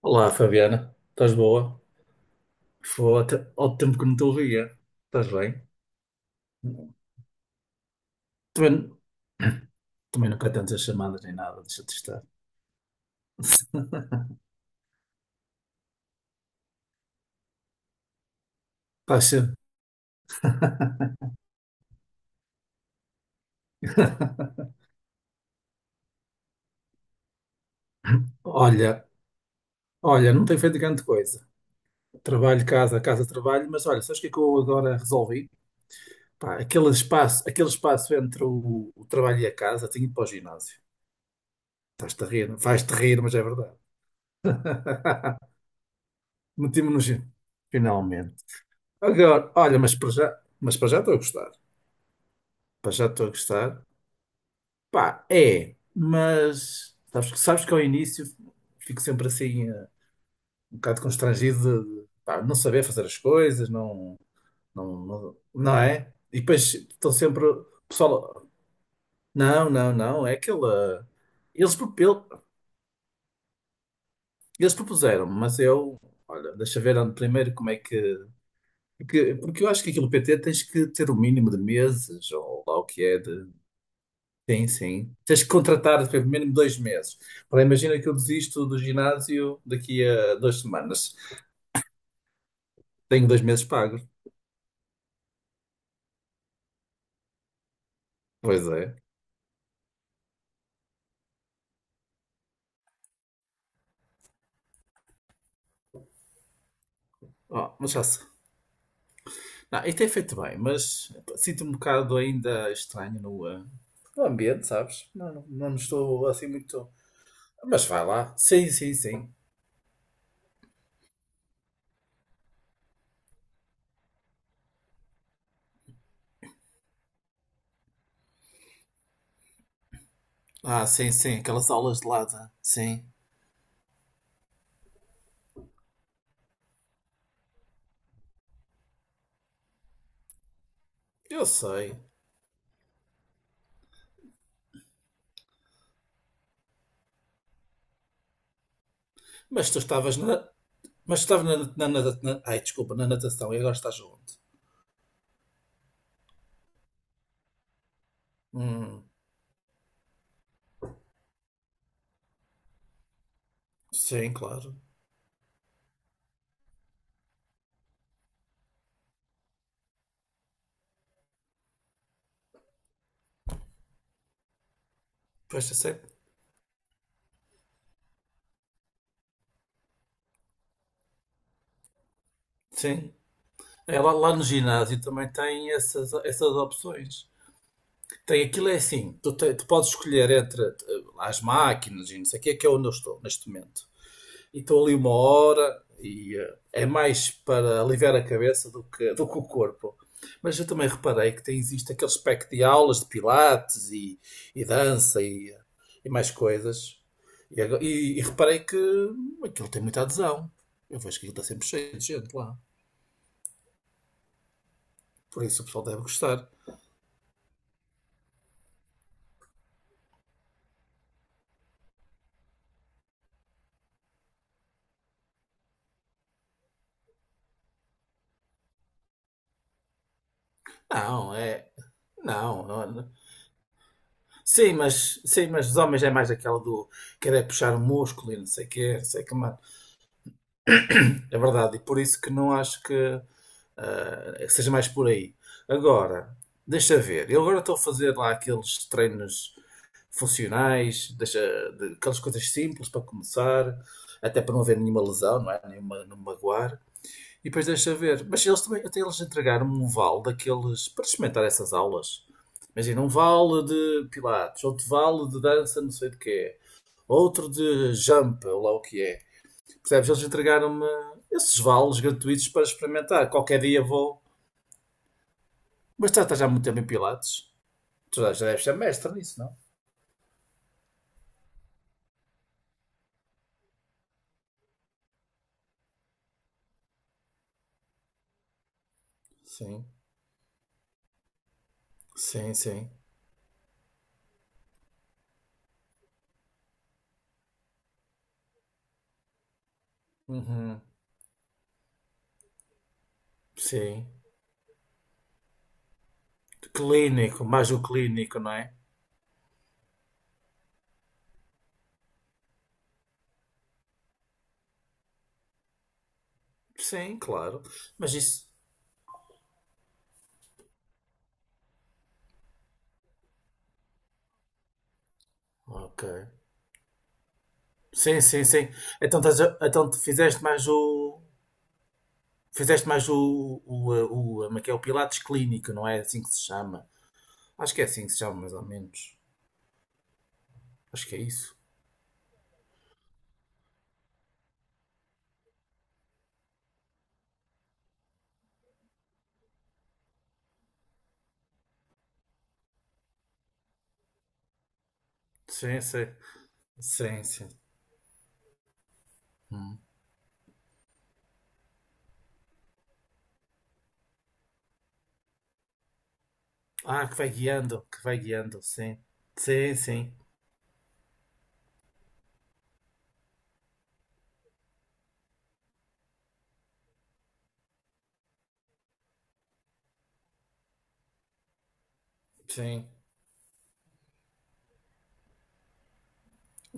Olá, Fabiana. Estás boa? Foi até ao tempo que não te ouvia. Estás bem? Também, também, nunca tantas chamadas nem nada, deixa-te estar. Está cedo. Olha, olha, não tenho feito grande coisa. Trabalho, casa, casa, trabalho, mas olha, sabes o que é que eu agora resolvi? Pá, aquele espaço entre o trabalho e a casa, tenho ido para o ginásio. Estás-te a rir, vais-te rir, mas é verdade. Meti-me no ginásio. Finalmente. Agora, olha, mas para já estou a gostar. Pá, já estou a gostar. Pá, é, mas sabes, sabes que ao início fico sempre assim um bocado constrangido de, pá, não saber fazer as coisas, não, não, não, não é? E depois estão sempre, o pessoal, não, não, não, é aquela. Eles, pro- ele- eles propuseram, mas eu, olha, deixa ver ando primeiro como é que. Porque eu acho que aquilo PT tens que ter o mínimo de meses, ou lá o que é. Sim, sim. Tens que contratar pelo mínimo 2 meses. Ora, imagina que eu desisto do ginásio daqui a 2 semanas. Tenho 2 meses pagos. Pois é. Oh, mas já sei. Não, e tem feito bem, mas sinto-me um bocado ainda estranho no ambiente, sabes? Não, não, não estou assim muito. Mas vai lá. Sim, sim, sim. Ah, sim, sim. Aquelas aulas de lata. Sim. Eu sei. Mas tu estavas na. Mas tu estavas na, na, na, na- Ai, desculpa, na natação e agora estás onde? Hum, sim, claro. Pois eu sei. Sim. É lá no ginásio também tem essas opções. Tem aquilo é assim, tu podes escolher entre as máquinas e não sei o que é onde eu estou neste momento. E estou ali uma hora e é mais para aliviar a cabeça do que o corpo. Mas eu também reparei que tem, existe aquele espectro de aulas de pilates e dança e mais coisas. E reparei que aquilo tem muita adesão. Eu vejo que aquilo está sempre cheio de gente lá. Por isso o pessoal deve gostar. Não, é. Não, não- Sim, mas os homens é mais aquela do querer puxar o músculo e não sei o quê, não sei o que mais. É verdade, e por isso que não acho que, seja mais por aí. Agora, deixa ver, eu agora estou a fazer lá aqueles treinos funcionais, aquelas coisas simples para começar, até para não haver nenhuma lesão, não é? Nenhuma, não me magoar. E depois deixa ver. Mas eles também, até eles entregaram um vale daqueles para experimentar essas aulas. Imagina, um vale de pilates, outro vale de dança, não sei de quê, outro de jump, ou lá o que é. Percebes? Eles entregaram-me esses vales gratuitos para experimentar. Qualquer dia vou. Mas estás tá já há muito tempo em pilates. Tu já deves ser mestre nisso, não? Sim, sim, sim. Uhum. Sim. Clínico, mais o clínico, não é? Sim, claro. Mas isso. Ok. Sim, sim, sim. Então, tu fizeste mais o. Fizeste mais o, como é que é? O Pilates Clínico, não é assim que se chama? Acho que é assim que se chama, mais ou menos. Acho que é isso. Sim, sim. Sim, sim. Hum. Ah, que vai guiando, sim. Sim, sim. Sim.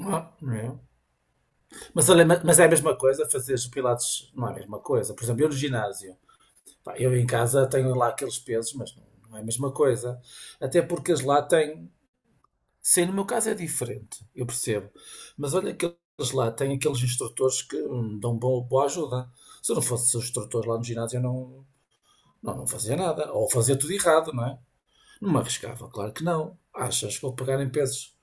Ah, é. Mas, olha, mas é a mesma coisa fazer os pilates, não é a mesma coisa. Por exemplo, eu no ginásio, pá, eu em casa tenho lá aqueles pesos, mas não, não é a mesma coisa. Até porque eles lá têm. Sim, no meu caso é diferente, eu percebo. Mas olha que eles lá têm aqueles instrutores que dão boa ajuda. Se eu não fosse o instrutor lá no ginásio, eu não fazia nada. Ou fazia tudo errado, não é? Não me arriscava, claro que não. Achas que vou pegar em pesos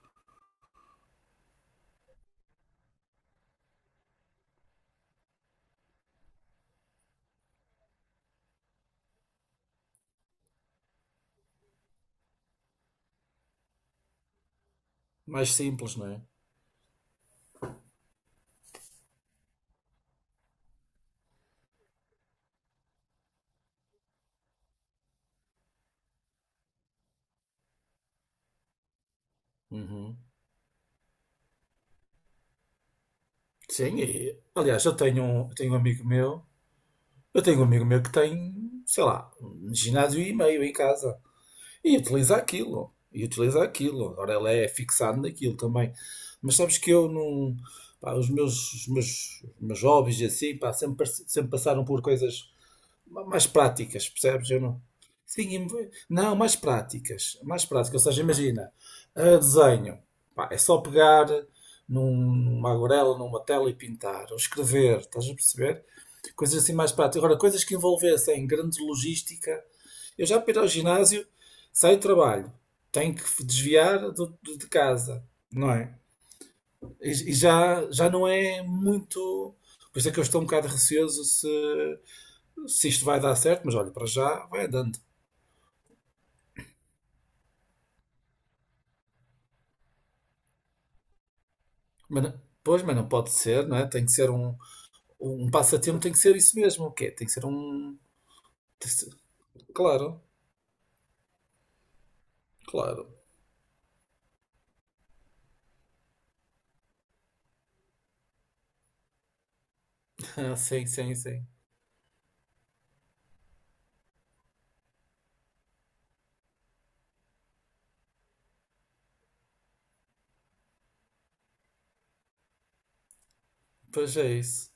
mais simples, não é? Uhum. Sim, e, aliás, eu tenho um amigo meu que tem, sei lá, um ginásio e meio em casa. E utiliza aquilo. E utiliza aquilo. Agora ela é fixada naquilo também. Mas sabes que eu não. Pá, os meus hobbies e assim, pá, sempre passaram por coisas mais práticas, percebes? Eu não. Sim, não, mais práticas. Mais práticas. Ou seja, imagina, desenho. Pá, é só pegar numa aguarela, numa tela e pintar. Ou escrever, estás a perceber? Coisas assim mais práticas. Agora, coisas que envolvessem grande logística. Eu já para ir ao ginásio, saio do trabalho, tenho que desviar de casa, não é? E, já não é muito. Por isso é que eu estou um bocado receoso se isto vai dar certo, mas olha, para já vai andando. Pois, mas não pode ser, não é? Tem que ser um passatempo, tem que ser isso mesmo, o quê? Tem que ser um. Tem que ser- Claro, claro. Ah, sim, sim, sim. Pois é isso.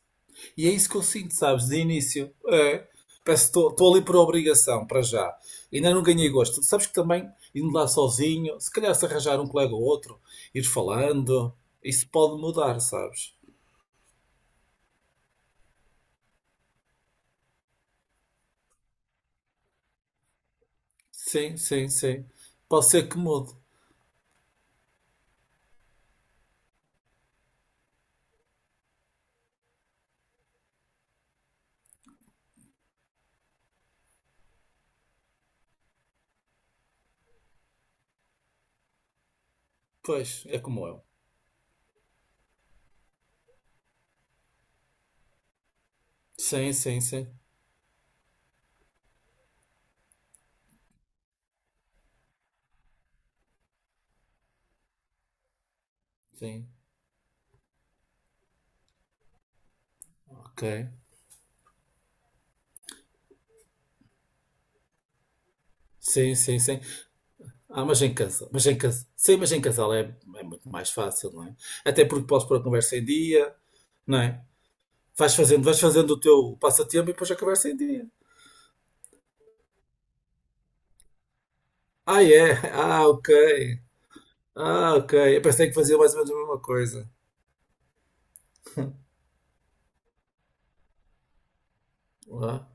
E é isso que eu sinto, sabes, de início. É. Parece que estou ali por obrigação, para já. Ainda não ganhei gosto. Sabes que também, indo lá sozinho, se calhar se arranjar um colega ou outro, ir falando, isso pode mudar, sabes? Sim, sim, sim. Pode ser que mude. Pois, é como eu. Sim, sim, sim. Sim, ok. Sim, sim, sim. Ah, mas em casa, mas em casa. Sim, mas em casal é muito mais fácil, não é? Até porque podes pôr a conversa em dia, não é? Vais fazendo o teu passatempo e depois a conversa em dia. Ah, é? Ah, ok. Ah, ok. Eu pensei que fazia mais ou menos a mesma coisa. Ah,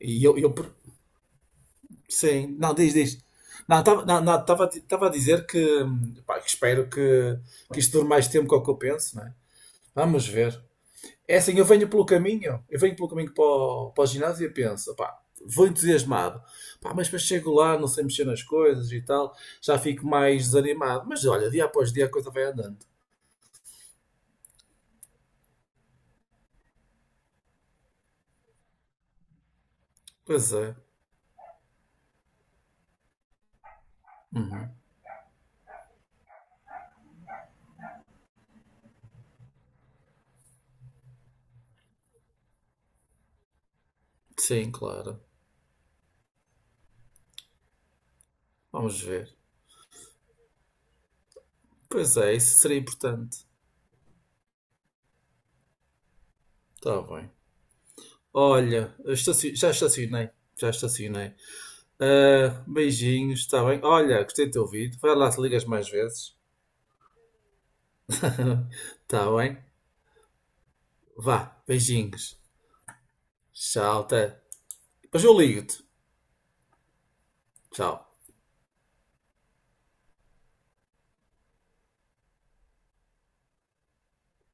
e eu, sim. Não, diz, diz. Não, estava não, não, tava, a di- tava a dizer que, pá, que espero que isto dure mais tempo que o que eu penso, não é? Vamos ver. É assim, eu venho pelo caminho, eu venho pelo caminho para o ginásio e penso, pá, vou entusiasmado. Pá, mas depois chego lá, não sei mexer nas coisas e tal, já fico mais desanimado. Mas olha, dia após dia a coisa vai andando. Pois é. Sim, claro. Vamos ver. Pois é, isso seria importante. Está bem. Olha, eu já estacionei. Já estacionei. Ah, beijinhos, está bem? Olha, gostei de te ouvir. Vai lá se ligas mais vezes. Está bem? Vá, beijinhos. Tchau, até. Depois eu ligo-te. Tchau.